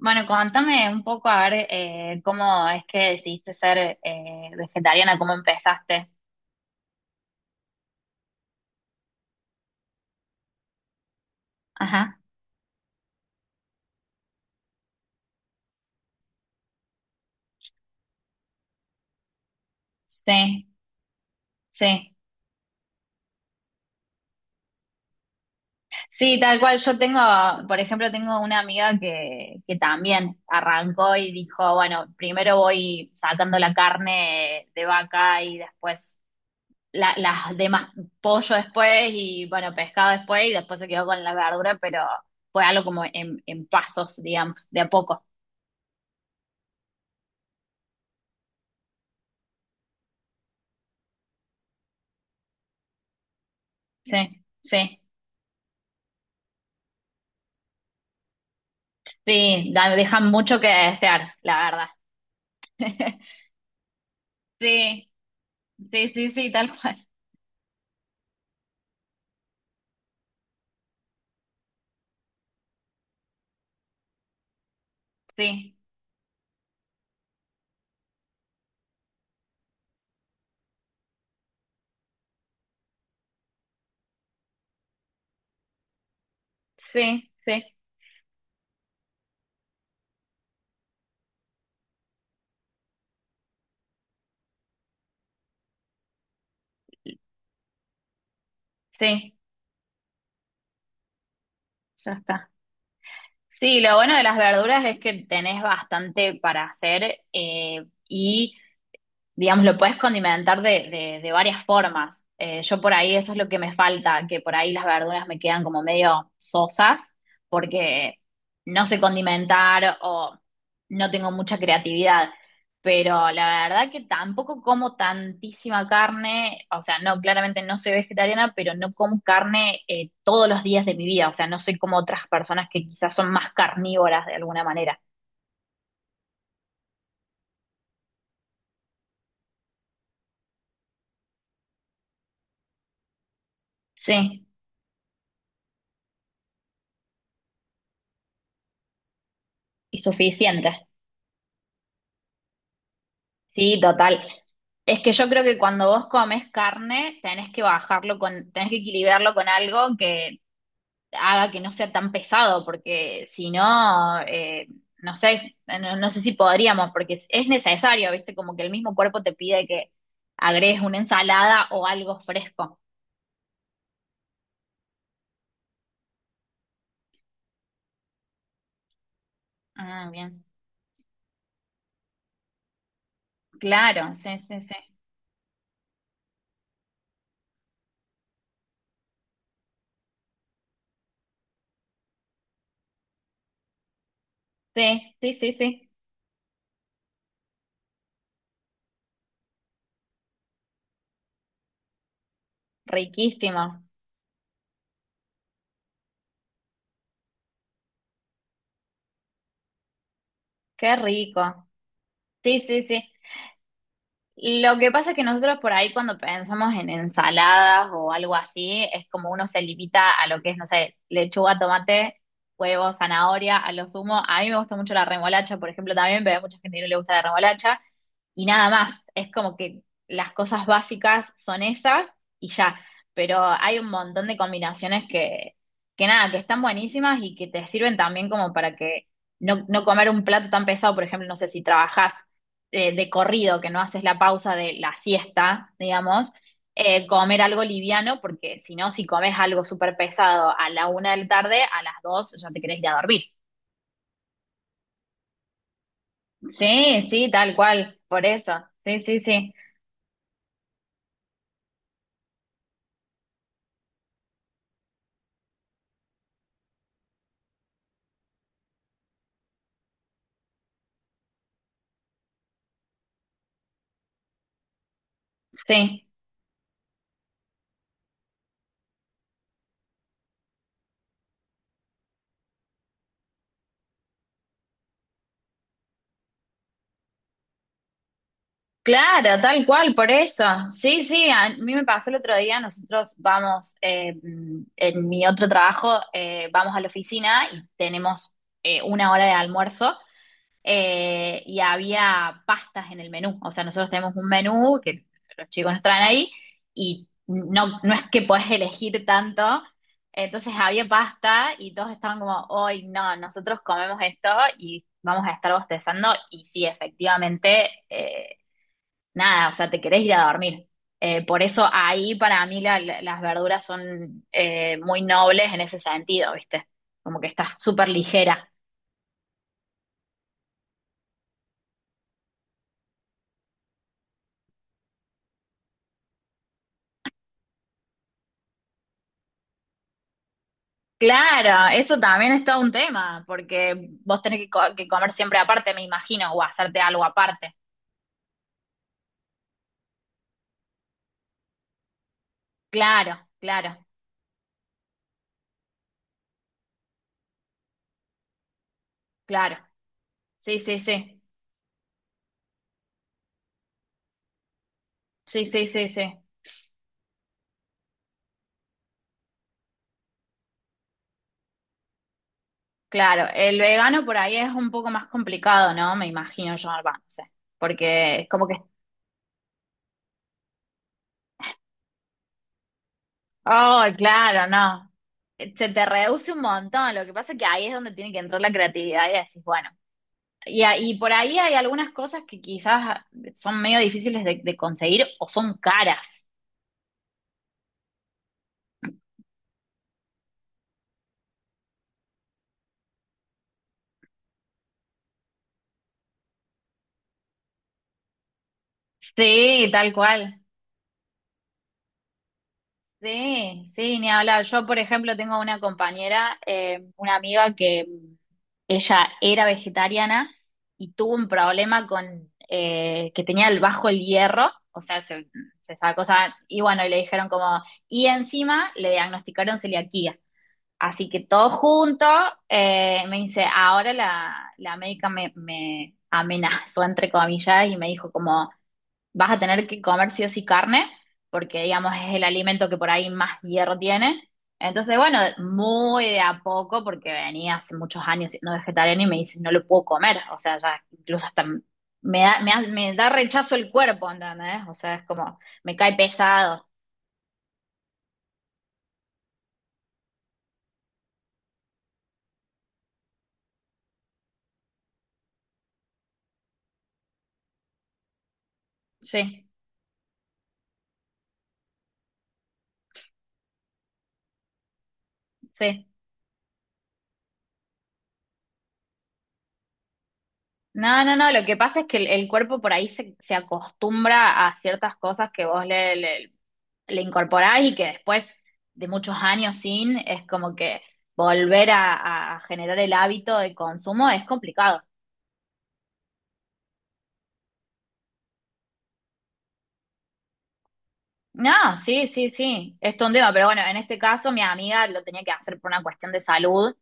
Bueno, contame un poco a ver cómo es que decidiste ser vegetariana, cómo empezaste. Ajá, sí, sí. Sí, tal cual. Yo tengo, por ejemplo, tengo una amiga que también arrancó y dijo, bueno, primero voy sacando la carne de vaca y después las demás, pollo después y bueno, pescado después y después se quedó con la verdura, pero fue algo como en pasos, digamos, de a poco. Sí, sí. Sí, dejan mucho que desear, la verdad. Sí, sí, sí, sí, tal cual. Sí, sí, sí, sí, ya está. Sí, lo bueno de las verduras es que tenés bastante para hacer, y digamos, lo puedes condimentar de varias formas. Yo por ahí eso es lo que me falta, que por ahí las verduras me quedan como medio sosas porque no sé condimentar o no tengo mucha creatividad. Pero la verdad que tampoco como tantísima carne, o sea, no, claramente no soy vegetariana, pero no como carne todos los días de mi vida, o sea, no soy como otras personas que quizás son más carnívoras de alguna manera. Sí, y suficiente. Sí, total. Es que yo creo que cuando vos comes carne, tenés que bajarlo con, tenés que equilibrarlo con algo que haga que no sea tan pesado, porque si no, no sé, no, no sé si podríamos, porque es necesario, ¿viste? Como que el mismo cuerpo te pide que agregues una ensalada o algo fresco. Ah, bien. Claro, sí, sí, sí. Sí, sí, sí, sí. Riquísimo. Qué rico. Sí, sí, sí. Lo que pasa es que nosotros por ahí cuando pensamos en ensaladas o algo así, es como uno se limita a lo que es, no sé, lechuga, tomate, huevo, zanahoria, a lo sumo. A mí me gusta mucho la remolacha, por ejemplo, también, pero hay mucha gente que no le gusta la remolacha. Y nada más, es como que las cosas básicas son esas y ya. Pero hay un montón de combinaciones que nada, que están buenísimas y que te sirven también como para que no comer un plato tan pesado, por ejemplo, no sé si trabajás de corrido, que no haces la pausa de la siesta, digamos, comer algo liviano, porque si no, si comes algo súper pesado a la una de la tarde, a las dos ya te querés ir a dormir. Sí, sí, tal cual, por eso. Sí, sí, sí. Sí. Claro, tal cual, por eso. Sí, sí, a mí me pasó el otro día, nosotros vamos, en mi otro trabajo, vamos a la oficina y tenemos una hora de almuerzo, y había pastas en el menú. O sea, nosotros tenemos un menú que los chicos nos traen ahí y no, no es que podés elegir tanto. Entonces había pasta y todos estaban como, hoy no, nosotros comemos esto y vamos a estar bostezando. Y sí, efectivamente, nada, o sea, te querés ir a dormir. Por eso ahí para mí las verduras son muy nobles en ese sentido, ¿viste? Como que estás súper ligera. Claro, eso también es todo un tema, porque vos tenés que, que comer siempre aparte, me imagino, o hacerte algo aparte. Claro, claro, claro. Sí, sí, sí. Sí, sí, sí, sí. Claro, el vegano por ahí es un poco más complicado, ¿no? Me imagino yo, va, no sé. Porque es como que, oh, claro, no. Se te reduce un montón. Lo que pasa es que ahí es donde tiene que entrar la creatividad y decís, bueno. Y, y por ahí hay algunas cosas que quizás son medio difíciles de conseguir o son caras. Sí, tal cual. Sí, sí, ni hablar. Yo, por ejemplo, tengo una compañera, una amiga que ella era vegetariana y tuvo un problema con que tenía el bajo el hierro, o sea, se sacó, o sea, y bueno, y le dijeron como, y encima le diagnosticaron celiaquía. Así que todo junto, me dice, ahora la médica me amenazó, entre comillas, y me dijo como, vas a tener que comer sí o sí carne, porque digamos es el alimento que por ahí más hierro tiene. Entonces, bueno, muy de a poco, porque venía hace muchos años siendo vegetariana y me dice, no lo puedo comer, o sea, ya incluso hasta me da, me da rechazo el cuerpo, ¿entendés? O sea, es como, me cae pesado, sí, sí. No, no, no, lo que pasa es que el cuerpo por ahí se acostumbra a ciertas cosas que vos le incorporás y que después de muchos años sin, es como que volver a generar el hábito de consumo es complicado. No, sí, sí, sí, es todo un tema, pero bueno, en este caso mi amiga lo tenía que hacer por una cuestión de salud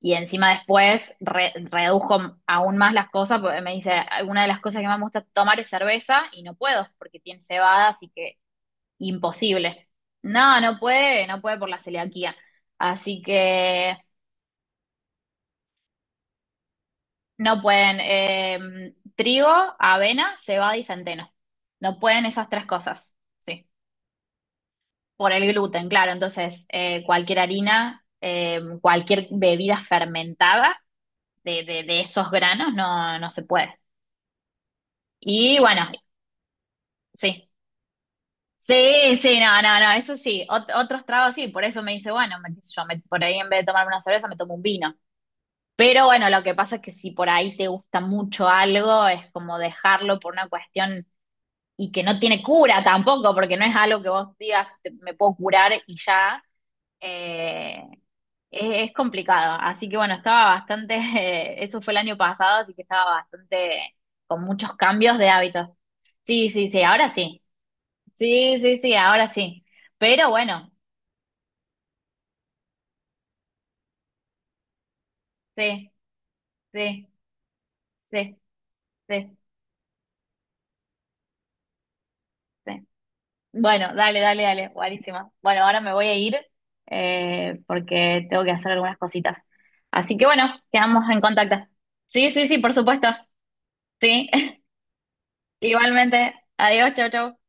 y encima después redujo aún más las cosas porque me dice, una de las cosas que más me gusta tomar es cerveza y no puedo porque tiene cebada, así que imposible. No, no puede, no puede por la celiaquía. Así que no pueden trigo, avena, cebada y centeno. No pueden esas tres cosas. Sí. Por el gluten, claro. Entonces, cualquier harina, cualquier bebida fermentada de esos granos no, no se puede. Y bueno, sí. Sí, sí, no, no, no, eso sí. Otros tragos sí, por eso me dice, bueno, me, qué sé yo, por ahí en vez de tomarme una cerveza me tomo un vino. Pero bueno, lo que pasa es que si por ahí te gusta mucho algo, es como dejarlo por una cuestión y que no tiene cura tampoco, porque no es algo que vos digas, me puedo curar y ya. eh, es complicado. Así que bueno, estaba bastante, eso fue el año pasado, así que estaba bastante con muchos cambios de hábitos. Sí, sí, sí, ahora sí. Sí, sí, sí, ahora sí. Pero bueno, sí, sí, sí, sí, sí. Bueno, dale, dale, dale, buenísima. Bueno, ahora me voy a ir porque tengo que hacer algunas cositas. Así que bueno, quedamos en contacto. Sí, sí, sí, por supuesto. Sí, igualmente. Adiós, chau, chau.